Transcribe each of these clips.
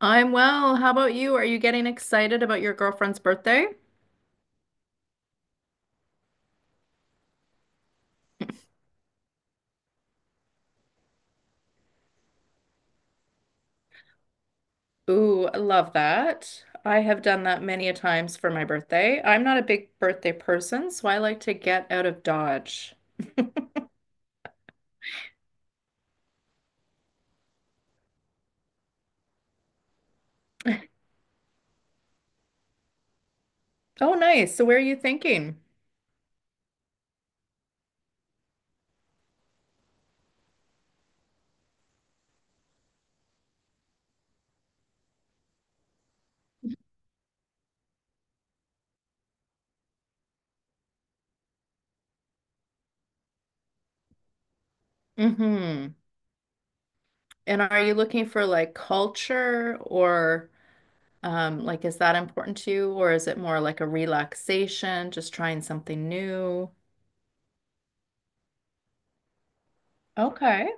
I'm well. How about you? Are you getting excited about your girlfriend's birthday? Ooh, I love that. I have done that many a times for my birthday. I'm not a big birthday person, so I like to get out of Dodge. Oh, nice. So where are you thinking? Mm-hmm. And are you looking for, like, culture or like, is that important to you, or is it more like a relaxation, just trying something new? Okay.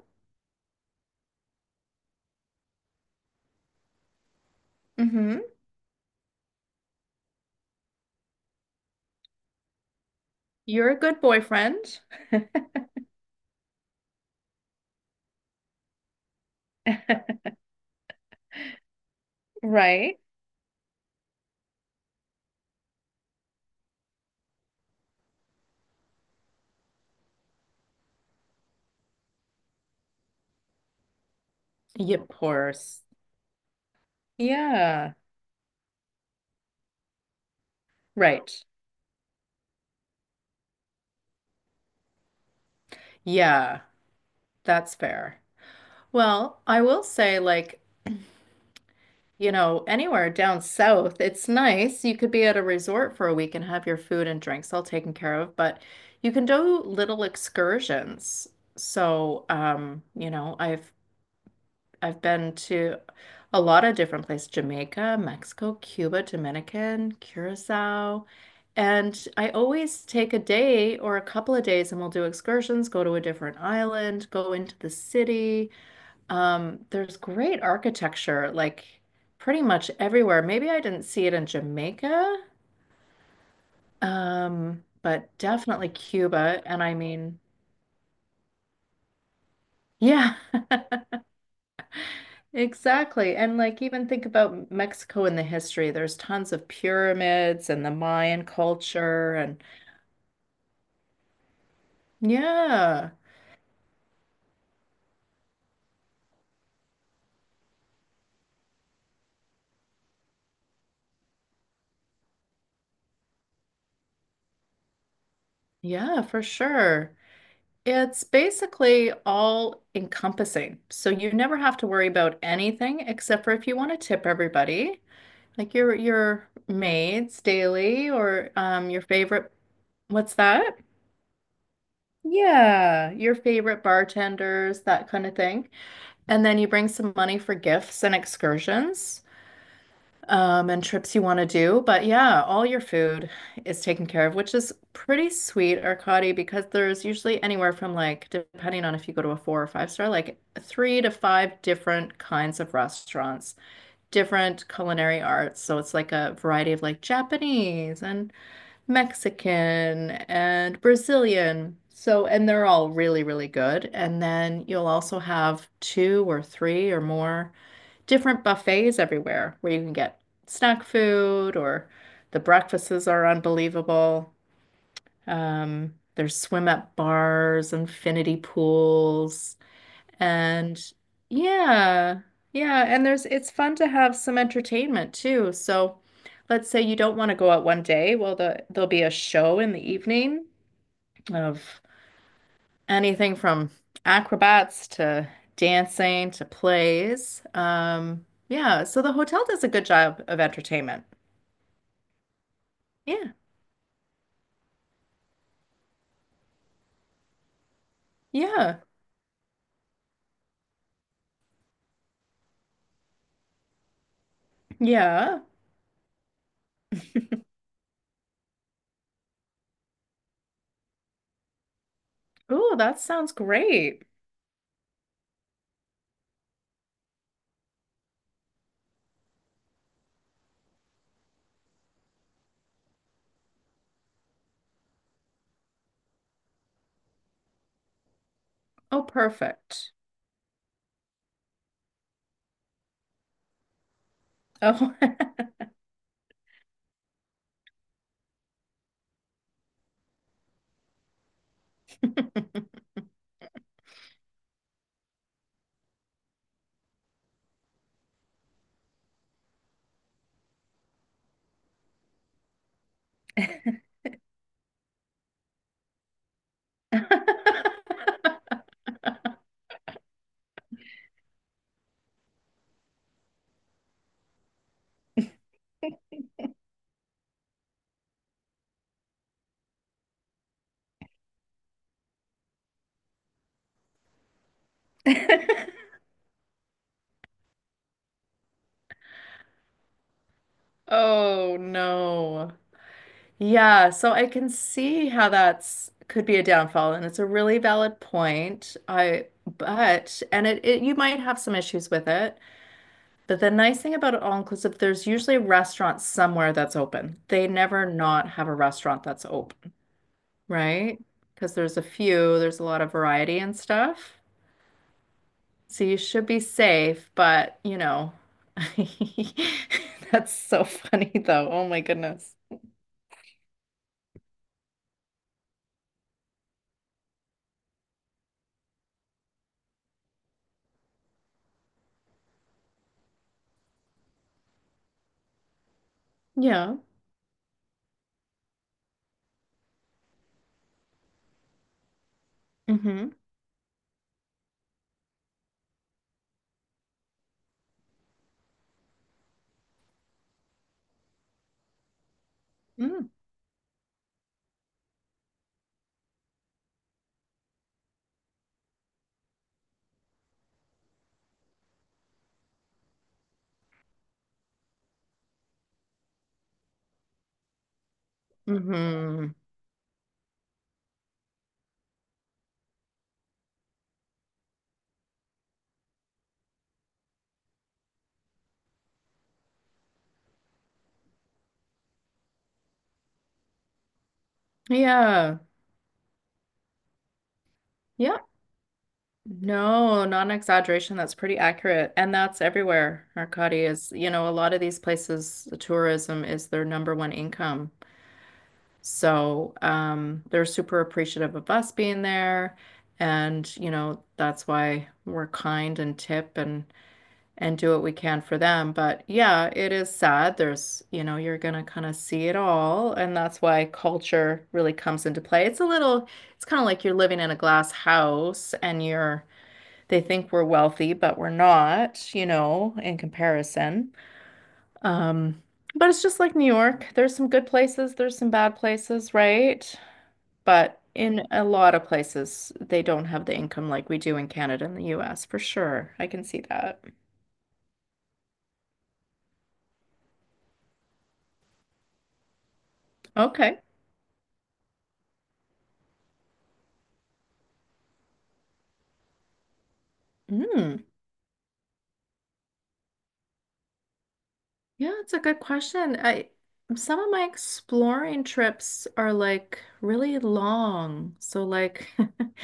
Mm-hmm. You're a good boyfriend. Right. Yeah, of course. Yeah, right. Yeah, that's fair. Well, I will say, like, anywhere down south, it's nice. You could be at a resort for a week and have your food and drinks all taken care of, but you can do little excursions. So, I've been to a lot of different places: Jamaica, Mexico, Cuba, Dominican, Curacao. And I always take a day or a couple of days and we'll do excursions, go to a different island, go into the city. There's great architecture, like, pretty much everywhere. Maybe I didn't see it in Jamaica, but definitely Cuba. And I mean, yeah. Exactly. And, like, even think about Mexico in the history. There's tons of pyramids and the Mayan culture, and yeah. Yeah, for sure. It's basically all encompassing. So you never have to worry about anything, except for if you want to tip everybody, like your maids daily, or your favorite— what's that? Yeah, your favorite bartenders, that kind of thing. And then you bring some money for gifts and excursions. And trips you want to do. But yeah, all your food is taken care of, which is pretty sweet, Arcadi, because there's usually anywhere from, like, depending on if you go to a four or five-star, like three to five different kinds of restaurants, different culinary arts. So it's like a variety of, like, Japanese and Mexican and Brazilian. So, and they're all really, really good. And then you'll also have two or three or more different buffets everywhere, where you can get snack food, or the breakfasts are unbelievable. There's swim up bars, infinity pools, and yeah, yeah, and there's it's fun to have some entertainment too. So let's say you don't want to go out one day, well there'll be a show in the evening of anything from acrobats to dancing to plays. Yeah, so the hotel does a good job of entertainment. Yeah, yeah, yeah. Oh, that sounds great. Oh, perfect. Oh. Oh no. Yeah, so I can see how that's could be a downfall, and it's a really valid point. I but and it, you might have some issues with it. But the nice thing about all inclusive, there's usually a restaurant somewhere that's open. They never not have a restaurant that's open, right? Because there's a lot of variety and stuff. So you should be safe, but. That's so funny though. Oh my goodness. Yeah. Mm-hmm. Mm-hmm. Yeah. Yeah. No, not an exaggeration. That's pretty accurate. And that's everywhere. Arcadi is, a lot of these places, the tourism is their number one income. So, they're super appreciative of us being there. And, that's why we're kind and tip and do what we can for them. But yeah, it is sad. There's, you're gonna kind of see it all. And that's why culture really comes into play. It's a little, it's kind of like you're living in a glass house, and you're they think we're wealthy, but we're not, in comparison. Um, but it's just like New York. There's some good places, there's some bad places, right? But in a lot of places, they don't have the income like we do in Canada and the US, for sure. I can see that. Okay. Mm. Yeah, it's a good question. I Some of my exploring trips are like really long. So, like,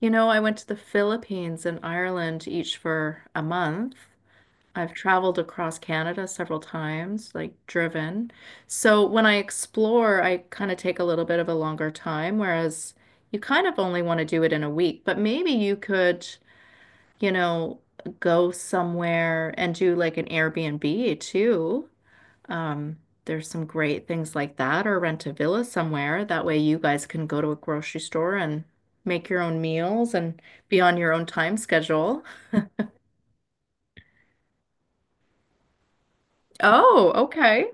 you know, I went to the Philippines and Ireland each for a month. I've traveled across Canada several times, like driven. So when I explore, I kind of take a little bit of a longer time, whereas you kind of only want to do it in a week, but maybe you could, you know, go somewhere and do like an Airbnb too. Um, there's some great things like that, or rent a villa somewhere. That way you guys can go to a grocery store and make your own meals and be on your own time schedule. Oh, okay.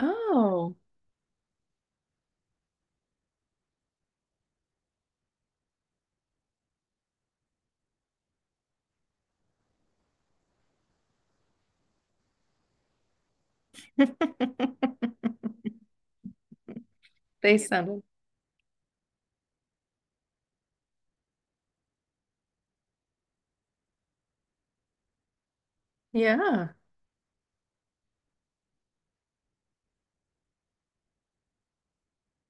Oh, they sounded. Yeah.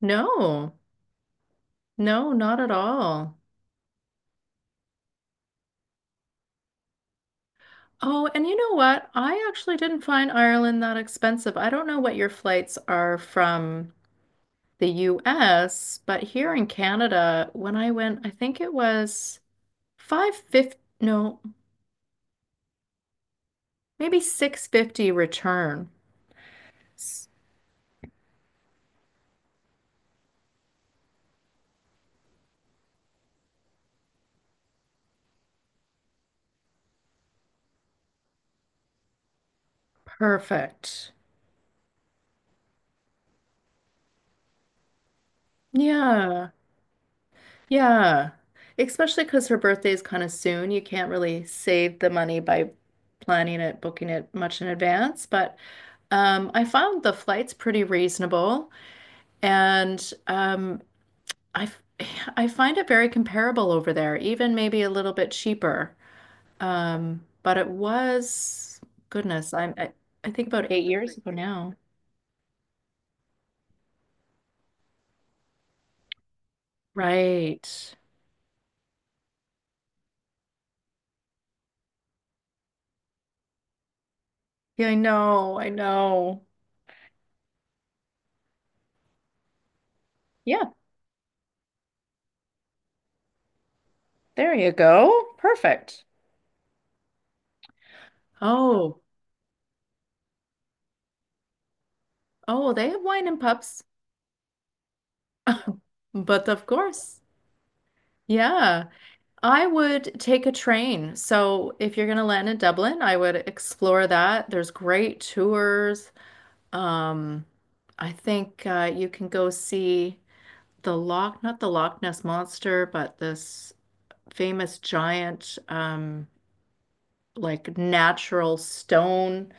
No, no, not at all. Oh, and you know what? I actually didn't find Ireland that expensive. I don't know what your flights are from the US, but here in Canada, when I went, I think it was five fifty, no, maybe 650 return. S- Perfect. Yeah, yeah. Especially because her birthday is kind of soon. You can't really save the money by planning it, booking it much in advance. But I found the flights pretty reasonable, and I f- I find it very comparable over there, even maybe a little bit cheaper. But it was, goodness, I think about 8 years ago now. Right. Yeah, I know. I know. Yeah, there you go. Perfect. Oh, oh, they have wine and pubs, but of course. Yeah, I would take a train. So if you're going to land in Dublin, I would explore that. There's great tours. Um, I think you can go see the Loch— not the Loch Ness Monster, but this famous giant, like, natural stone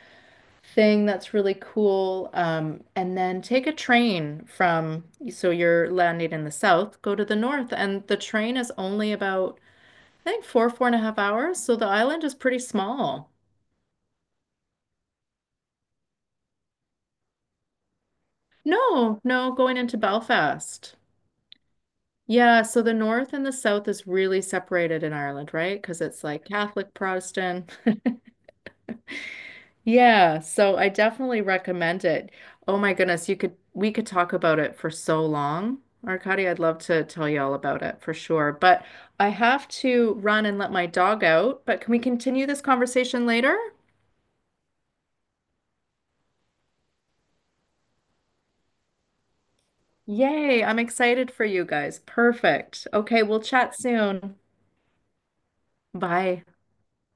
thing that's really cool. And then take a train, so you're landing in the south, go to the north, and the train is only about, I think, 4.5 hours. So the island is pretty small. No, no, going into Belfast. Yeah, so the north and the south is really separated in Ireland, right? Because it's like Catholic, Protestant. Yeah, so I definitely recommend it. Oh my goodness, you could we could talk about it for so long. Arkady, I'd love to tell you all about it for sure, but I have to run and let my dog out. But can we continue this conversation later? Yay, I'm excited for you guys. Perfect. Okay, we'll chat soon. Bye.